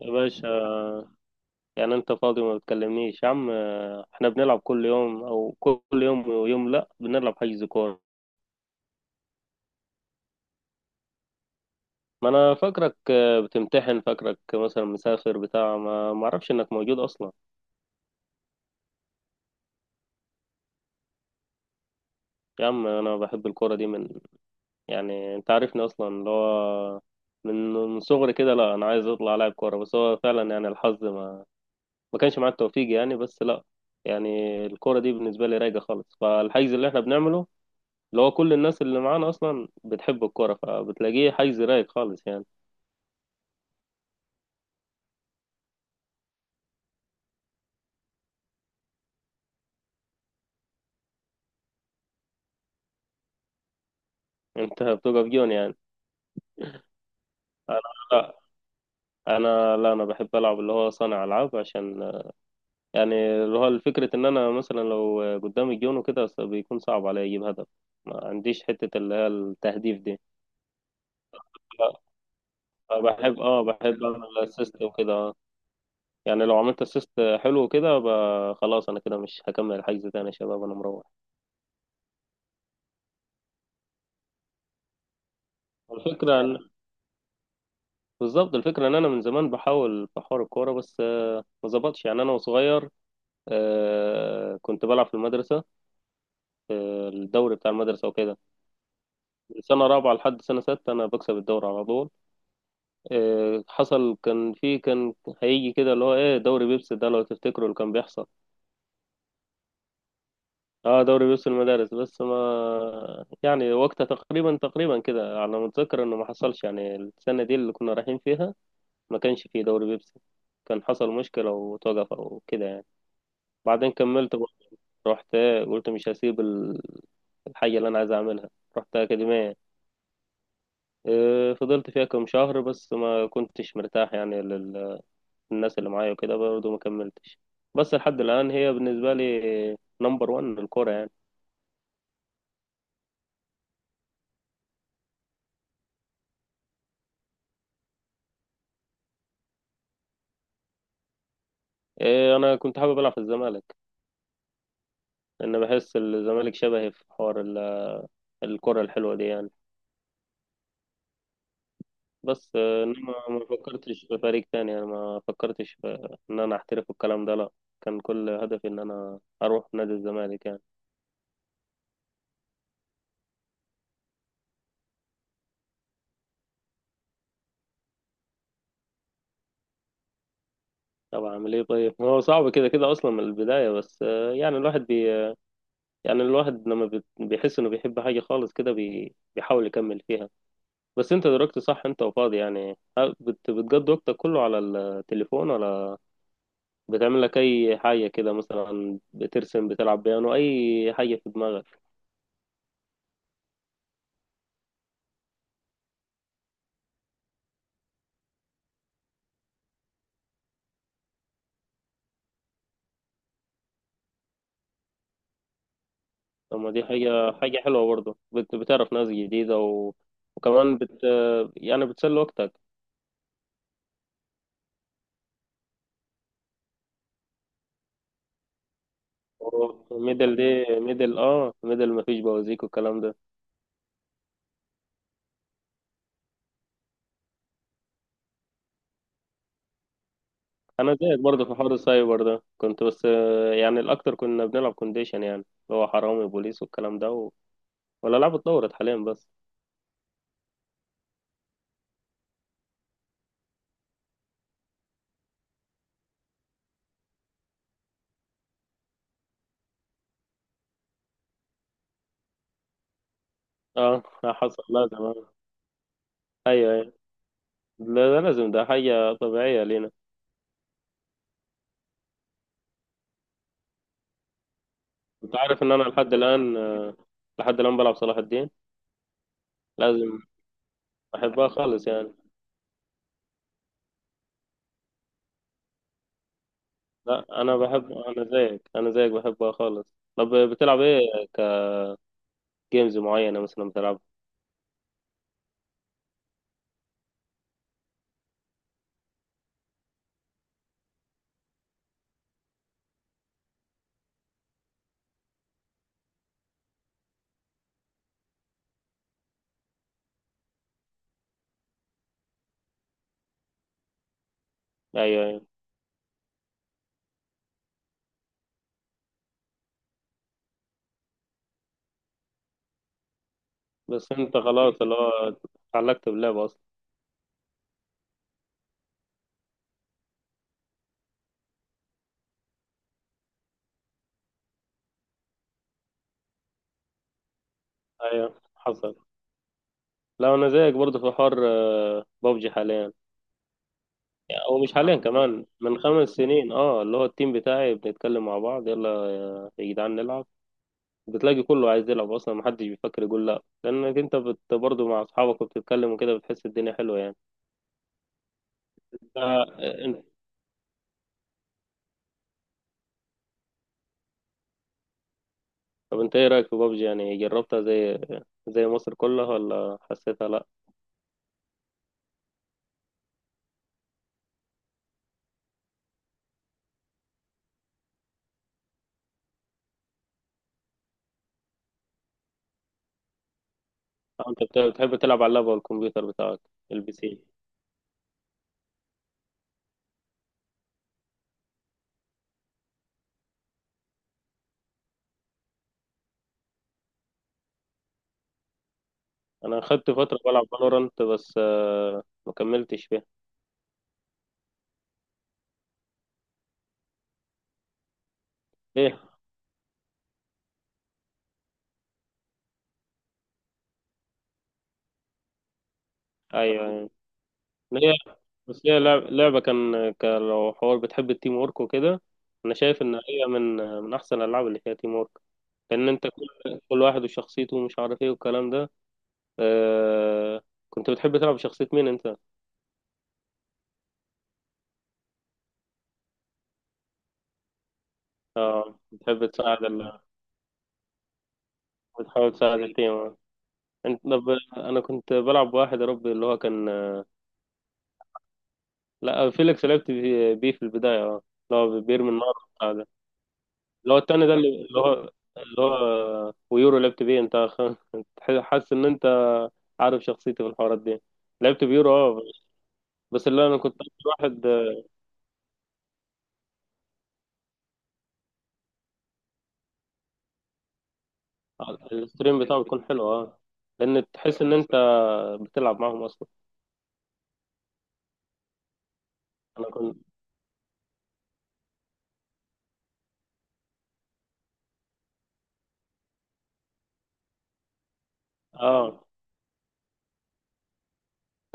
يا باشا. يعني انت فاضي وما بتكلمنيش يا عم؟ اه، احنا بنلعب كل يوم، او كل يوم ويوم لا، بنلعب حجز كورة. ما انا فاكرك، بتمتحن، فاكرك مثلا مسافر بتاع، ما اعرفش انك موجود اصلا. يا عم انا بحب الكورة دي من. يعني انت عارفني اصلا، اللي هو، من صغري كده. لا، انا عايز اطلع لاعب كورة، بس هو فعلا يعني الحظ ما كانش معاه التوفيق يعني. بس لا، يعني الكورة دي بالنسبة لي رايقة خالص، فالحجز اللي احنا بنعمله، اللي هو كل الناس اللي معانا اصلا بتحب الكوره، فبتلاقيه حيز رايق خالص يعني. انت بتقف جون يعني؟ انا لا انا لا انا بحب العب اللي هو صانع العاب، عشان يعني، اللي هو، الفكره ان انا مثلا لو قدامي جون وكده بيكون صعب عليا اجيب هدف، ما عنديش حته اللي هي التهديف دي. لا، أنا بحب، بحب اعمل اسيست وكده. آه. يعني لو عملت اسيست حلو كده. خلاص، انا كده مش هكمل الحجز تاني يا شباب، انا مروح. الفكره بالظبط، الفكرة إن أنا من زمان بحاول في حوار الكورة، بس ما ظبطش يعني. أنا وصغير، كنت بلعب في المدرسة، الدوري بتاع المدرسة وكده. من سنة رابعة لحد سنة ستة أنا بكسب الدوري على طول. حصل، كان هيجي كده اللي هو إيه، دوري بيبسي ده لو تفتكروا اللي كان بيحصل. أه، دوري بيبسي المدارس. بس ما يعني، وقتها تقريبا كده على ما أتذكر، إنه ما حصلش يعني السنة دي اللي كنا رايحين فيها، ما كانش فيه دوري بيبسي. كان حصل مشكلة وتوقف أو كده يعني. بعدين كملت برضه، رحت، قلت مش هسيب الحاجة اللي أنا عايز أعملها. رحت أكاديمية. إيه، فضلت فيها كم شهر بس ما كنتش مرتاح، يعني للناس اللي معايا وكده برضه، ما كملتش. بس لحد الآن هي بالنسبة لي نمبر وان الكورة يعني. إيه، أنا كنت حابب ألعب في الزمالك، لأن بحس الزمالك شبهي في حوار الكرة الحلوة دي يعني. بس إنما ما فكرتش في فريق تاني، يعني ما فكرتش في إن أنا أحترف الكلام ده، لأ. كان كل هدفي إن أنا أروح نادي الزمالك يعني. طب اعمل ايه طيب؟ ما هو صعب كده كده اصلا من البدايه. بس يعني الواحد يعني الواحد لما بيحس انه بيحب حاجه خالص كده، بيحاول يكمل فيها. بس انت دلوقتي صح، انت وفاضي يعني، بتقضي وقتك كله على التليفون، ولا بتعمل لك اي حاجه كده، مثلا بترسم، بتلعب بيانو، اي حاجه في دماغك؟ طب ما دي حاجه، حلوه برضه، بتعرف ناس جديده وكمان يعني بتسلي وقتك. ميدل دي، ميدل، مفيش بوازيك والكلام ده. انا زيك برضه في حوار السايبر ده. كنت، بس يعني الاكتر كنا بنلعب كونديشن، يعني اللي هو حرامي بوليس والكلام ده، ولا لعبة اتطورت حاليا بس. اه. حصل لازم. آه. ايوه، ايوه. لا، ده لازم، ده حاجة طبيعية لينا. انت عارف ان انا لحد الان بلعب صلاح الدين. لازم، احبها خالص يعني. لا، انا بحب، انا زيك، بحبها خالص. طب بتلعب ايه؟ كجيمز معينة مثلا بتلعب؟ ايوه، ايوه. بس انت خلاص، اللي هو، اتعلقت باللعبة اصلا. ايوه، حصل. لا، انا زيك برضه في حوار بابجي حاليا. يعني، او مش حاليا، كمان من 5 سنين. اه اللي هو التيم بتاعي، بنتكلم مع بعض، يلا يا جدعان نلعب. بتلاقي كله عايز يلعب اصلا، محدش بيفكر يقول لا، لانك انت برضه مع اصحابك وبتتكلم وكده، بتحس الدنيا حلوه يعني. ف- انت طب انت ايه رايك في بابجي؟ يعني جربتها زي مصر كلها، ولا حسيتها لا؟ أو انت بتحب تلعب على اللاب والكمبيوتر بتاعك، البي سي؟ انا خدت فتره بلعب فالورانت، بس ما كملتش فيها. ليه؟ ايوه. أيوة. إن هي، بس هي لعبة كان، لو حوار بتحب التيم وورك وكده، أنا شايف إن هي من أحسن الألعاب اللي فيها تيم وورك، لأن أنت كل واحد وشخصيته ومش عارف إيه والكلام ده. آه... كنت بتحب تلعب شخصية مين أنت؟ أه، بتحب تساعد بتحاول تساعد التيم. آه. أنت طب، أنا كنت بلعب بواحد، يا ربي اللي هو كان. لا، فيليكس، لعبت بيه، في البداية. أه. اللي هو بيرمي النار، اللي هو التاني ده، اللي هو ويورو، لعبت بيه انت. انت حاسس ان انت عارف شخصيتي في الحوارات دي؟ لعبت بيورو. اه. بس اللي انا كنت اكتر واحد، الستريم بتاعه بيكون حلو. اه. لان تحس ان انت بتلعب معاهم اصلا. انا كنت. اه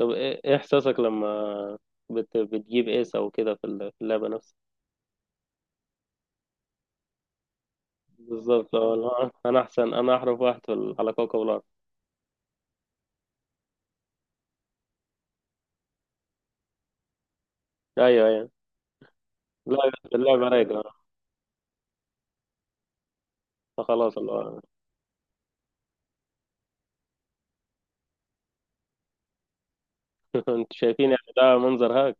طب ايه، احساسك لما بتجيب ايس او كده في في اللعبه نفسها؟ بالظبط. اه، لا، انا احسن، انا احرف واحد على كوكب الارض. ايوه، ايوه. لا، اللعبه رايقه. فخلاص، الله. انتوا شايفين يعني ده منظر هاك؟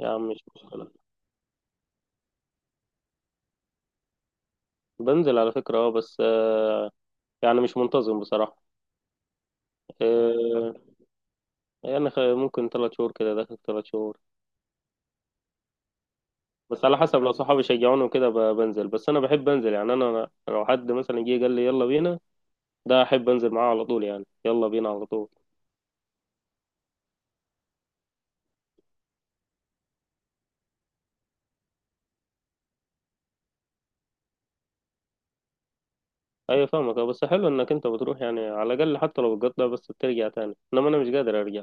يا عم مش مشكلة، بنزل على فكرة. اه بس يعني مش منتظم بصراحة. آه، يعني ممكن 3 شهور كده داخل 3 شهور. بس على حسب، لو صحابي شجعوني وكده بنزل. بس أنا بحب أنزل، يعني أنا لو حد مثلا جه قال لي يلا بينا، ده أحب أنزل معاه على طول، يعني يلا بينا على طول. أيوة فاهمك. اه، بس حلو إنك أنت بتروح، يعني على الأقل حتى لو بتقطع بس بترجع تاني، إنما أنا مش قادر أرجع.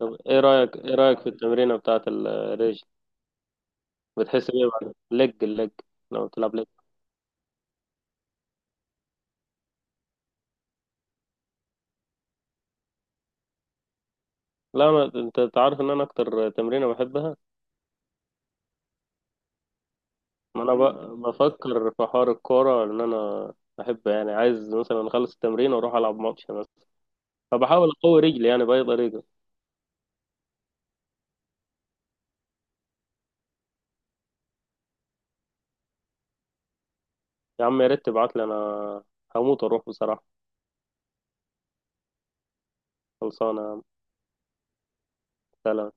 طب إيه رأيك، في التمرينة بتاعة الرجل؟ بتحس بإيه بعد اللج، لو بتلعب؟ لا، أنا، أنت عارف إن أنا أكتر تمرينة بحبها. ما أنا بفكر في حوار الكورة، إن أنا أحب، يعني عايز مثلا أخلص التمرين وأروح ألعب ماتش مثلا، فبحاول أقوي رجلي يعني بأي طريقة. يا عم يا ريت تبعتلي، أنا هموت أروح بصراحة. خلصانة يا عم. سلام.